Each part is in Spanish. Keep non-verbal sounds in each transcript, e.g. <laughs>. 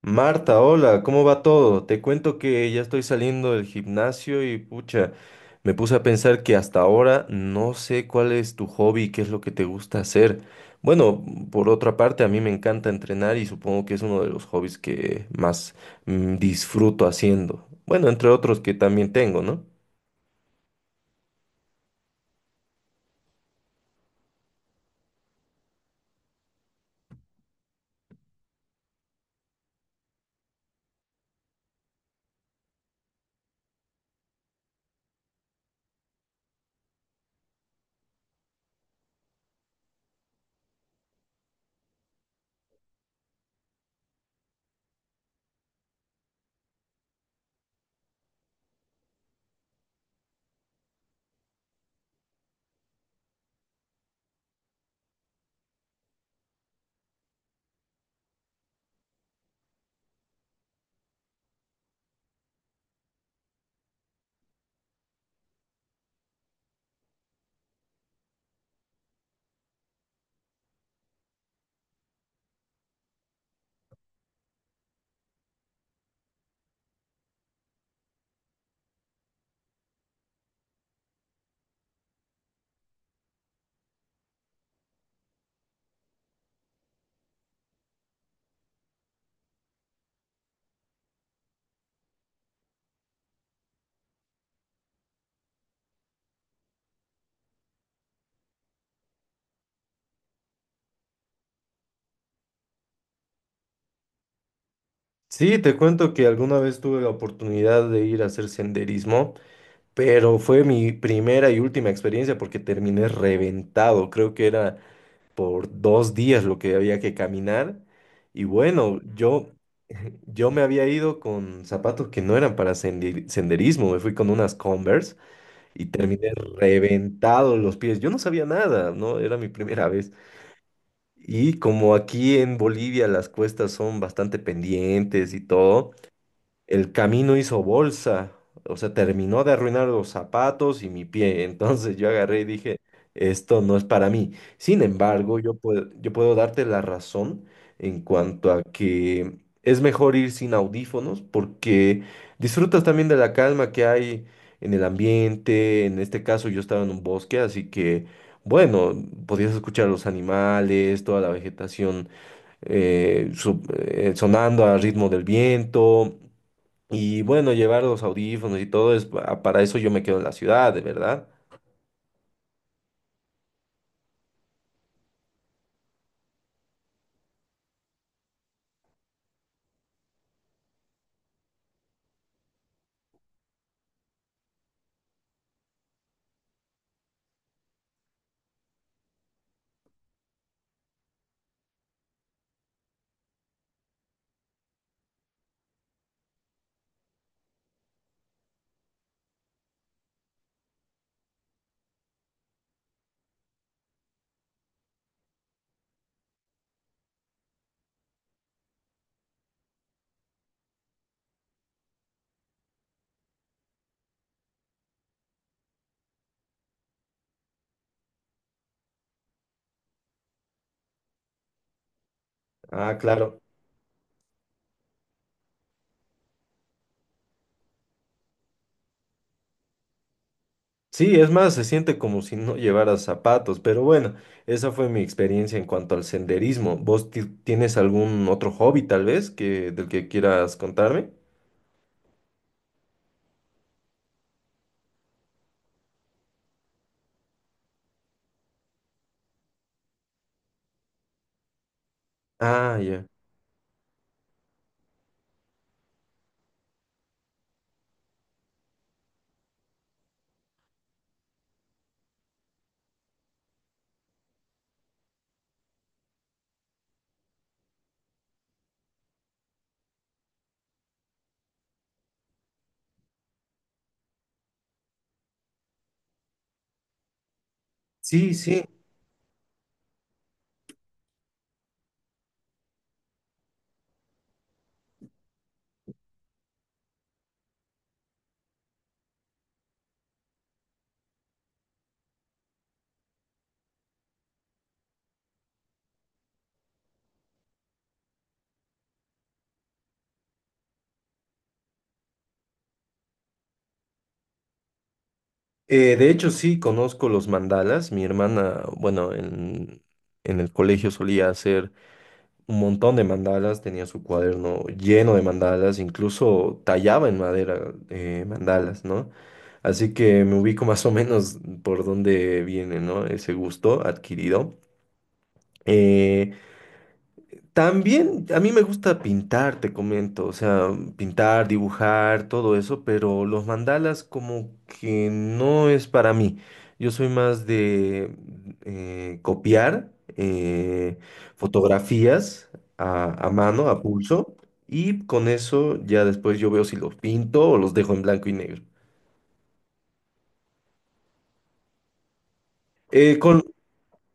Marta, hola, ¿cómo va todo? Te cuento que ya estoy saliendo del gimnasio y pucha, me puse a pensar que hasta ahora no sé cuál es tu hobby, qué es lo que te gusta hacer. Bueno, por otra parte, a mí me encanta entrenar y supongo que es uno de los hobbies que más disfruto haciendo. Bueno, entre otros que también tengo, ¿no? Sí, te cuento que alguna vez tuve la oportunidad de ir a hacer senderismo, pero fue mi primera y última experiencia porque terminé reventado. Creo que era por 2 días lo que había que caminar. Y bueno, <laughs> yo me había ido con zapatos que no eran para senderismo, me fui con unas Converse y terminé reventado los pies. Yo no sabía nada, ¿no? Era mi primera vez. Y como aquí en Bolivia las cuestas son bastante pendientes y todo, el camino hizo bolsa, o sea, terminó de arruinar los zapatos y mi pie. <laughs> Entonces yo agarré y dije, esto no es para mí. Sin embargo, yo puedo darte la razón en cuanto a que es mejor ir sin audífonos porque disfrutas también de la calma que hay en el ambiente. En este caso, yo estaba en un bosque, así que, bueno, podías escuchar los animales, toda la vegetación sonando al ritmo del viento. Y bueno, llevar los audífonos y todo es para eso yo me quedo en la ciudad, de verdad. Ah, claro. Sí, es más, se siente como si no llevaras zapatos, pero bueno, esa fue mi experiencia en cuanto al senderismo. ¿Vos tienes algún otro hobby tal vez que del que quieras contarme? Ah, ya. Sí, sí. De hecho, sí, conozco los mandalas. Mi hermana, bueno, en el colegio solía hacer un montón de mandalas, tenía su cuaderno lleno de mandalas, incluso tallaba en madera mandalas, ¿no? Así que me ubico <laughs> más o menos por dónde viene, ¿no? Ese gusto adquirido. Eh, También a mí me gusta pintar, te comento, o sea, pintar, dibujar, todo eso, pero los mandalas como que no es para mí. Yo soy más de copiar fotografías a mano, a pulso, y con eso ya después yo veo si los pinto o los dejo en blanco y negro. Eh, con,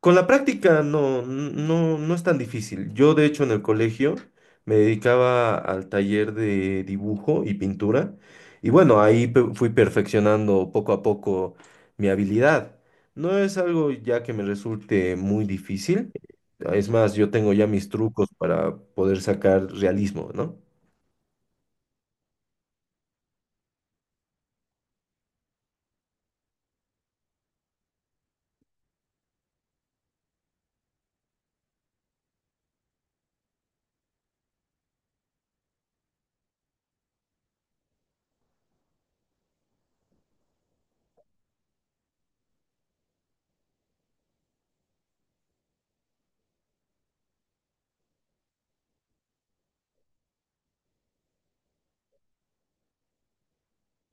Con la práctica no es tan difícil. Yo, de hecho, en el colegio me dedicaba al taller de dibujo y pintura. Y bueno, ahí fui perfeccionando poco a poco mi habilidad. No es algo ya que me resulte muy difícil. Es más, yo tengo ya mis trucos para poder sacar realismo, ¿no?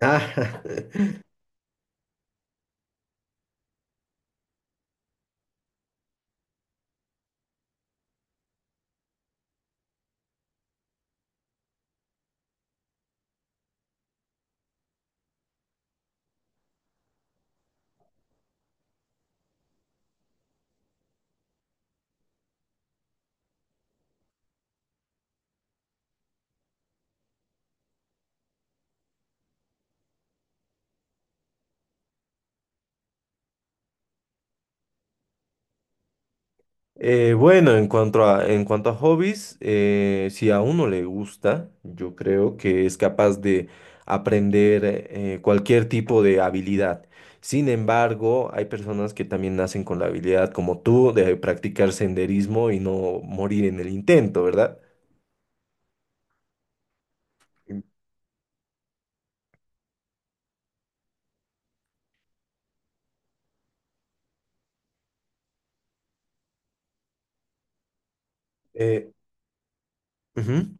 Ah, <laughs> bueno, en cuanto a hobbies, si a uno le gusta, yo creo que es capaz de aprender cualquier tipo de habilidad. Sin embargo, hay personas que también nacen con la habilidad, como tú, de practicar senderismo y no morir en el intento, ¿verdad? Eh, ujú.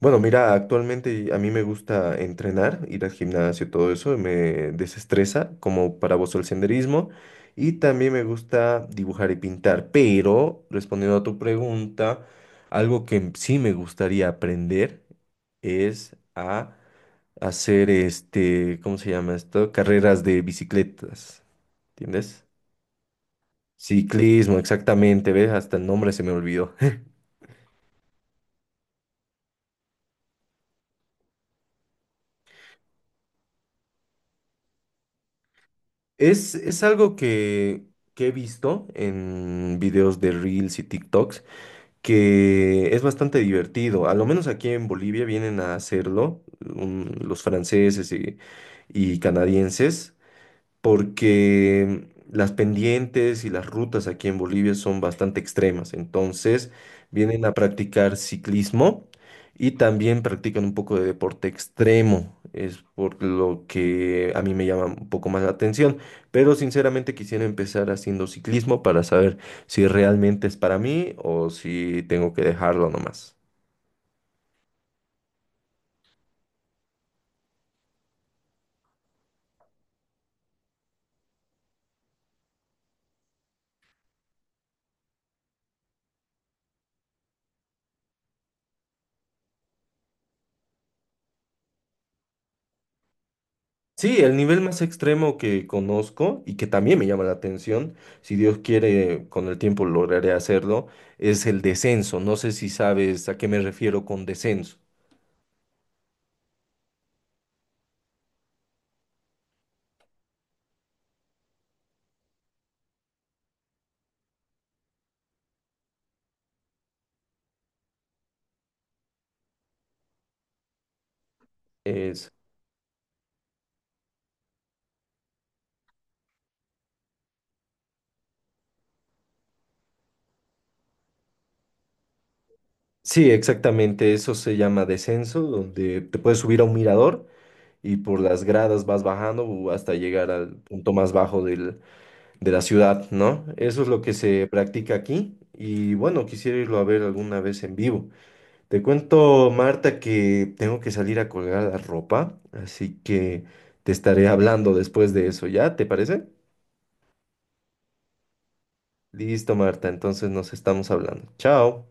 Bueno, mira, actualmente a mí me gusta entrenar, ir al gimnasio, todo eso, me desestresa, como para vos el senderismo, y también me gusta dibujar y pintar, pero respondiendo a tu pregunta, algo que sí me gustaría aprender es a hacer este, ¿cómo se llama esto? Carreras de bicicletas, ¿entiendes? Ciclismo, exactamente, ¿ves? Hasta el nombre se me olvidó. Es algo que he visto en videos de Reels y TikToks, que es bastante divertido. A lo menos aquí en Bolivia vienen a hacerlo los franceses y canadienses porque las pendientes y las rutas aquí en Bolivia son bastante extremas. Entonces, vienen a practicar ciclismo y también practican un poco de deporte extremo. Es por lo que a mí me llama un poco más la atención. Pero sinceramente quisiera empezar haciendo ciclismo para saber si realmente es para mí o si tengo que dejarlo nomás. Sí, el nivel más extremo que conozco y que también me llama la atención, si Dios quiere, con el tiempo lograré hacerlo, es el descenso. No sé si sabes a qué me refiero con descenso. Es, sí, exactamente, eso se llama descenso, donde te puedes subir a un mirador y por las gradas vas bajando hasta llegar al punto más bajo de la ciudad, ¿no? Eso es lo que se practica aquí y bueno, quisiera irlo a ver alguna vez en vivo. Te cuento, Marta, que tengo que salir a colgar la ropa, así que te estaré hablando después de eso, ¿ya? ¿Te parece? Listo, Marta, entonces nos estamos hablando. Chao.